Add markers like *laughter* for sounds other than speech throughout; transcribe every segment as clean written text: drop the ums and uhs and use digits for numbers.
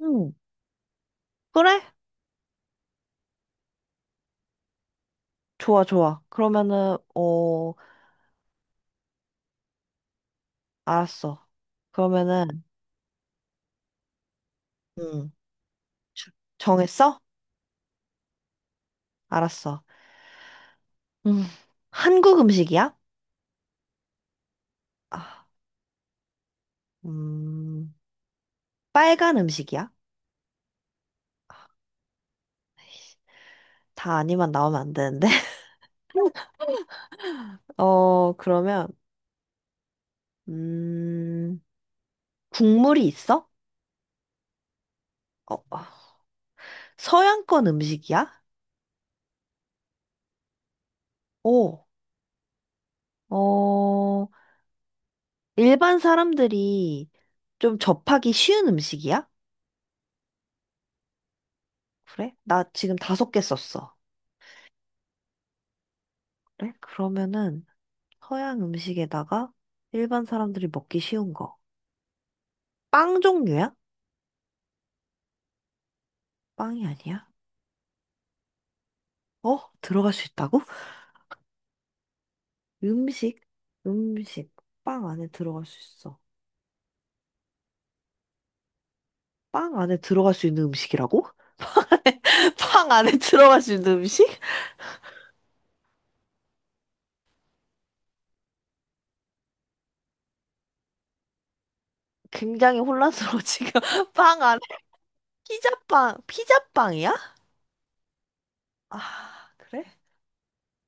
응. 그래? 좋아, 좋아. 그러면은, 어, 알았어. 그러면은, 응. 주- 정했어? 알았어. 음, 한국 음식이야? 아, 음, 빨간 음식이야? 에이씨, 다 아니만 나오면 안 되는데. *laughs* 어, 그러면, 음, 국물이 있어? 어, 어. 서양권 음식이야? 오, 어, 일반 사람들이 좀 접하기 쉬운 음식이야? 그래? 나 지금 다섯 개 썼어. 그래? 그러면은 서양 음식에다가 일반 사람들이 먹기 쉬운 거. 빵 종류야? 빵이 아니야? 어? 들어갈 수 있다고? 음식? 음식. 빵 안에 들어갈 수 있어. 빵 안에 들어갈 수 있는 음식이라고? *laughs* 빵 안에 들어갈 수 있는 음식? 굉장히 혼란스러워, 지금. *laughs* 빵 안에. 피자빵. 피자빵이야? 아, 그래?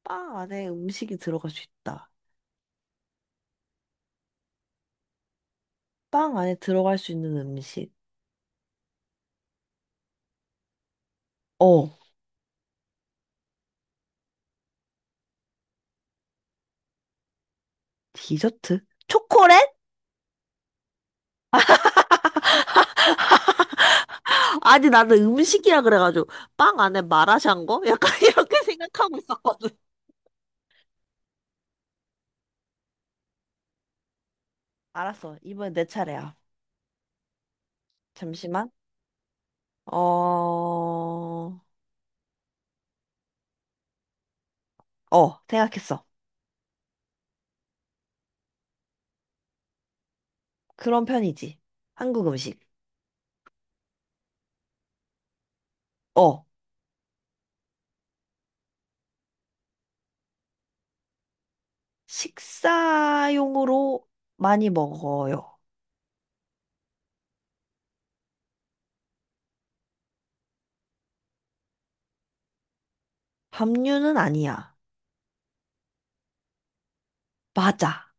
빵 안에 음식이 들어갈 수 있다. 빵 안에 들어갈 수 있는 음식. 어. 디저트? 초콜릿? 아니, 나는 음식이라 그래가지고, 빵 안에 마라샹궈? 거? 약간 *laughs* 이렇게 생각하고 있었거든. 알았어. 이번엔 내 차례야. 잠시만. 어, 어, 생각했어. 그런 편이지. 한국 음식. 어, 식사용으로 많이 먹어요. 밥류는 아니야. 맞아.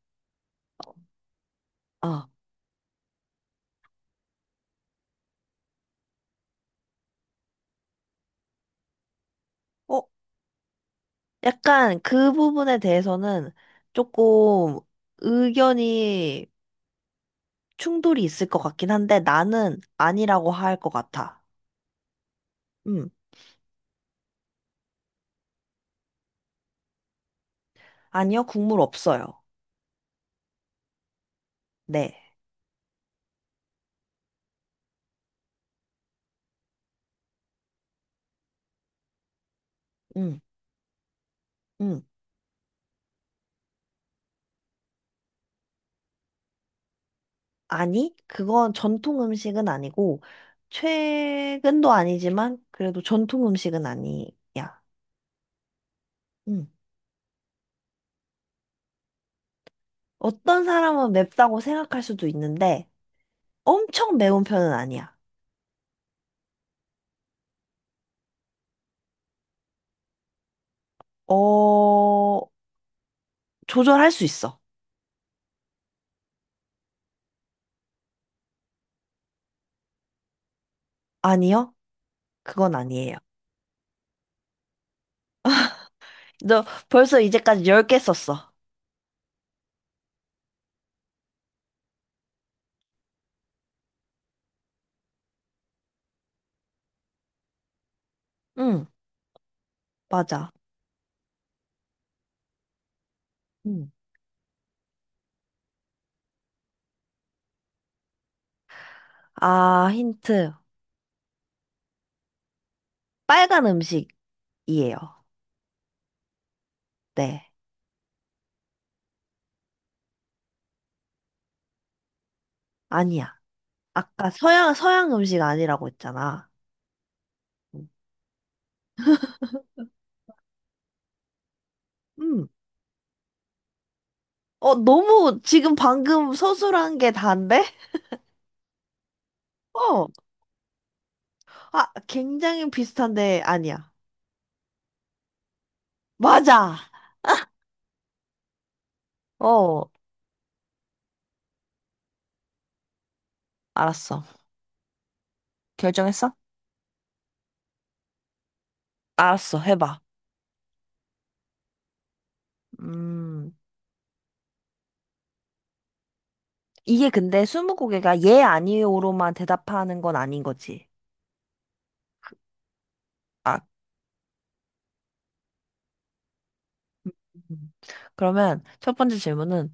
어, 어, 약간 그 부분에 대해서는 조금 의견이 충돌이 있을 것 같긴 한데 나는 아니라고 할 것 같아. 음. 아니요, 국물 없어요. 네. 음. 음. 아니, 그건 전통 음식은 아니고 최근도 아니지만 그래도 전통 음식은 아니야. 음. 어떤 사람은 맵다고 생각할 수도 있는데 엄청 매운 편은 아니야. 어, 조절할 수 있어. 아니요, 그건 아니에요. 너 벌써 이제까지 10개 썼어. 응, 맞아. 음. 아, 힌트. 빨간 음식이에요. 네. 아니야. 아까 서양 음식 아니라고 했잖아. 음. 어, 너무 지금 방금 서술한 게 단데? 어. 아, 굉장히 비슷한데 아니야. 맞아. 어, 알았어. 결정했어? 알았어. 해봐. 음, 이게 근데 스무고개가 예, 아니요로만 대답하는 건 아닌 거지. 아, 음. 그러면 첫 번째 질문은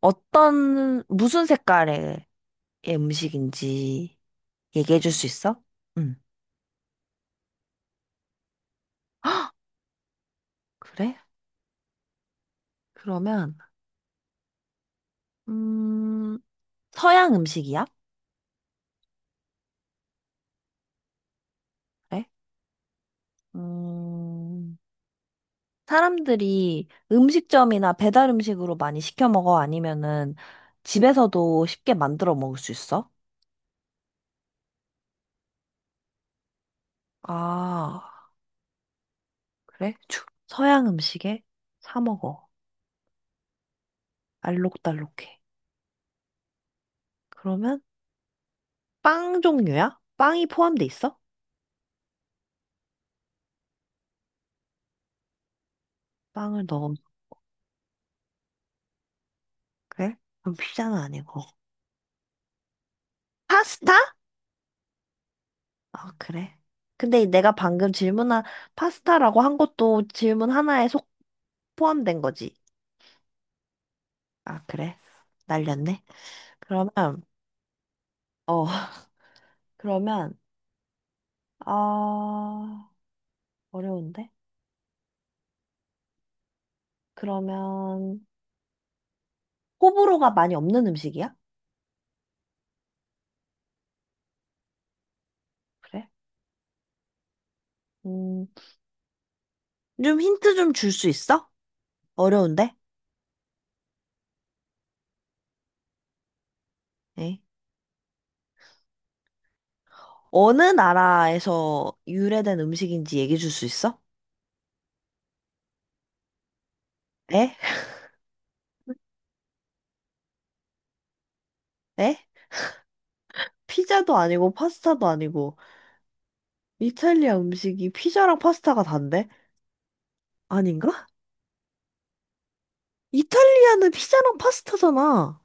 어떤, 무슨 색깔의 음식인지 얘기해 줄 수 있어? 응. *gasps* 그래? 그러면, 음, 서양 음식이야? 그래? 음, 사람들이 음식점이나 배달 음식으로 많이 시켜 먹어? 아니면은 집에서도 쉽게 만들어 먹을 수 있어? 아, 그래? 서양 음식에 사 먹어. 알록달록해. 그러면 빵 종류야? 빵이 포함돼 있어? 빵을 넣으면 그래? 그럼 피자는 아니고. 파스타? 아, 그래. 근데 내가 방금 질문한 파스타라고 한 것도 질문 하나에 속 포함된 거지. 아, 그래. 날렸네. 그러면, 어, *laughs* 그러면, 아, 어려운데? 그러면, 호불호가 많이 없는 음식이야? 그래. 음, 좀 힌트 좀 줄 수 있어? 어려운데? 에? 어느 나라에서 유래된 음식인지 얘기해 줄 수 있어? 에? 에? 피자도 아니고 파스타도 아니고. 이탈리아 음식이 피자랑 파스타가 단데? 아닌가? 이탈리아는 피자랑 파스타잖아.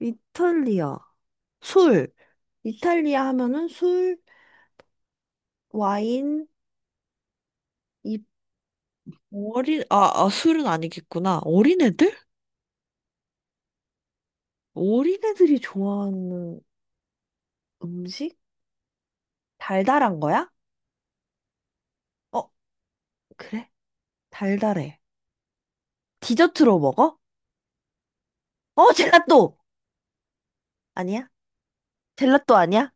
이탈리아. 술. 이탈리아 하면은 술, 와인, 이 어린, 아, 술은 아니겠구나. 어린애들? 어린애들이 좋아하는 음식? 달달한 거야? 어, 그래? 달달해. 디저트로 먹어? 어, 젤라또! 아니야? 젤라또 아니야?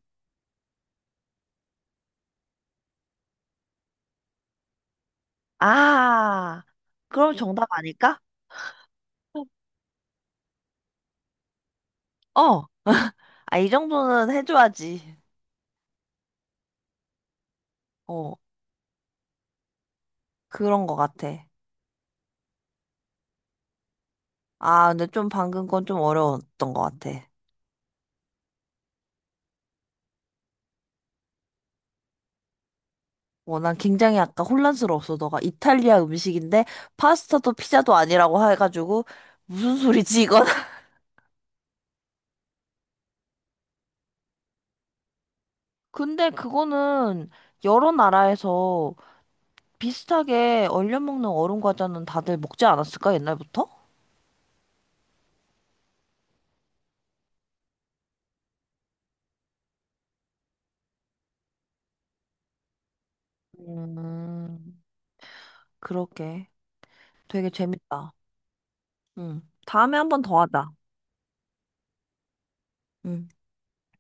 아, 그럼 정답 아닐까? 어, 아, 이 정도는 해줘야지. 어, 그런 것 같아. 아, 근데 좀 방금 건 좀 어려웠던 것 같아. 어, 난 굉장히 아까 혼란스러웠어. 너가 이탈리아 음식인데 파스타도 피자도 아니라고 해가지고 무슨 소리지, 이건? *laughs* 근데 그거는 여러 나라에서 비슷하게 얼려 먹는 얼음 과자는 다들 먹지 않았을까, 옛날부터? 음, 그렇게. 되게 재밌다. 응. 다음에 한 번 더 하자. 응.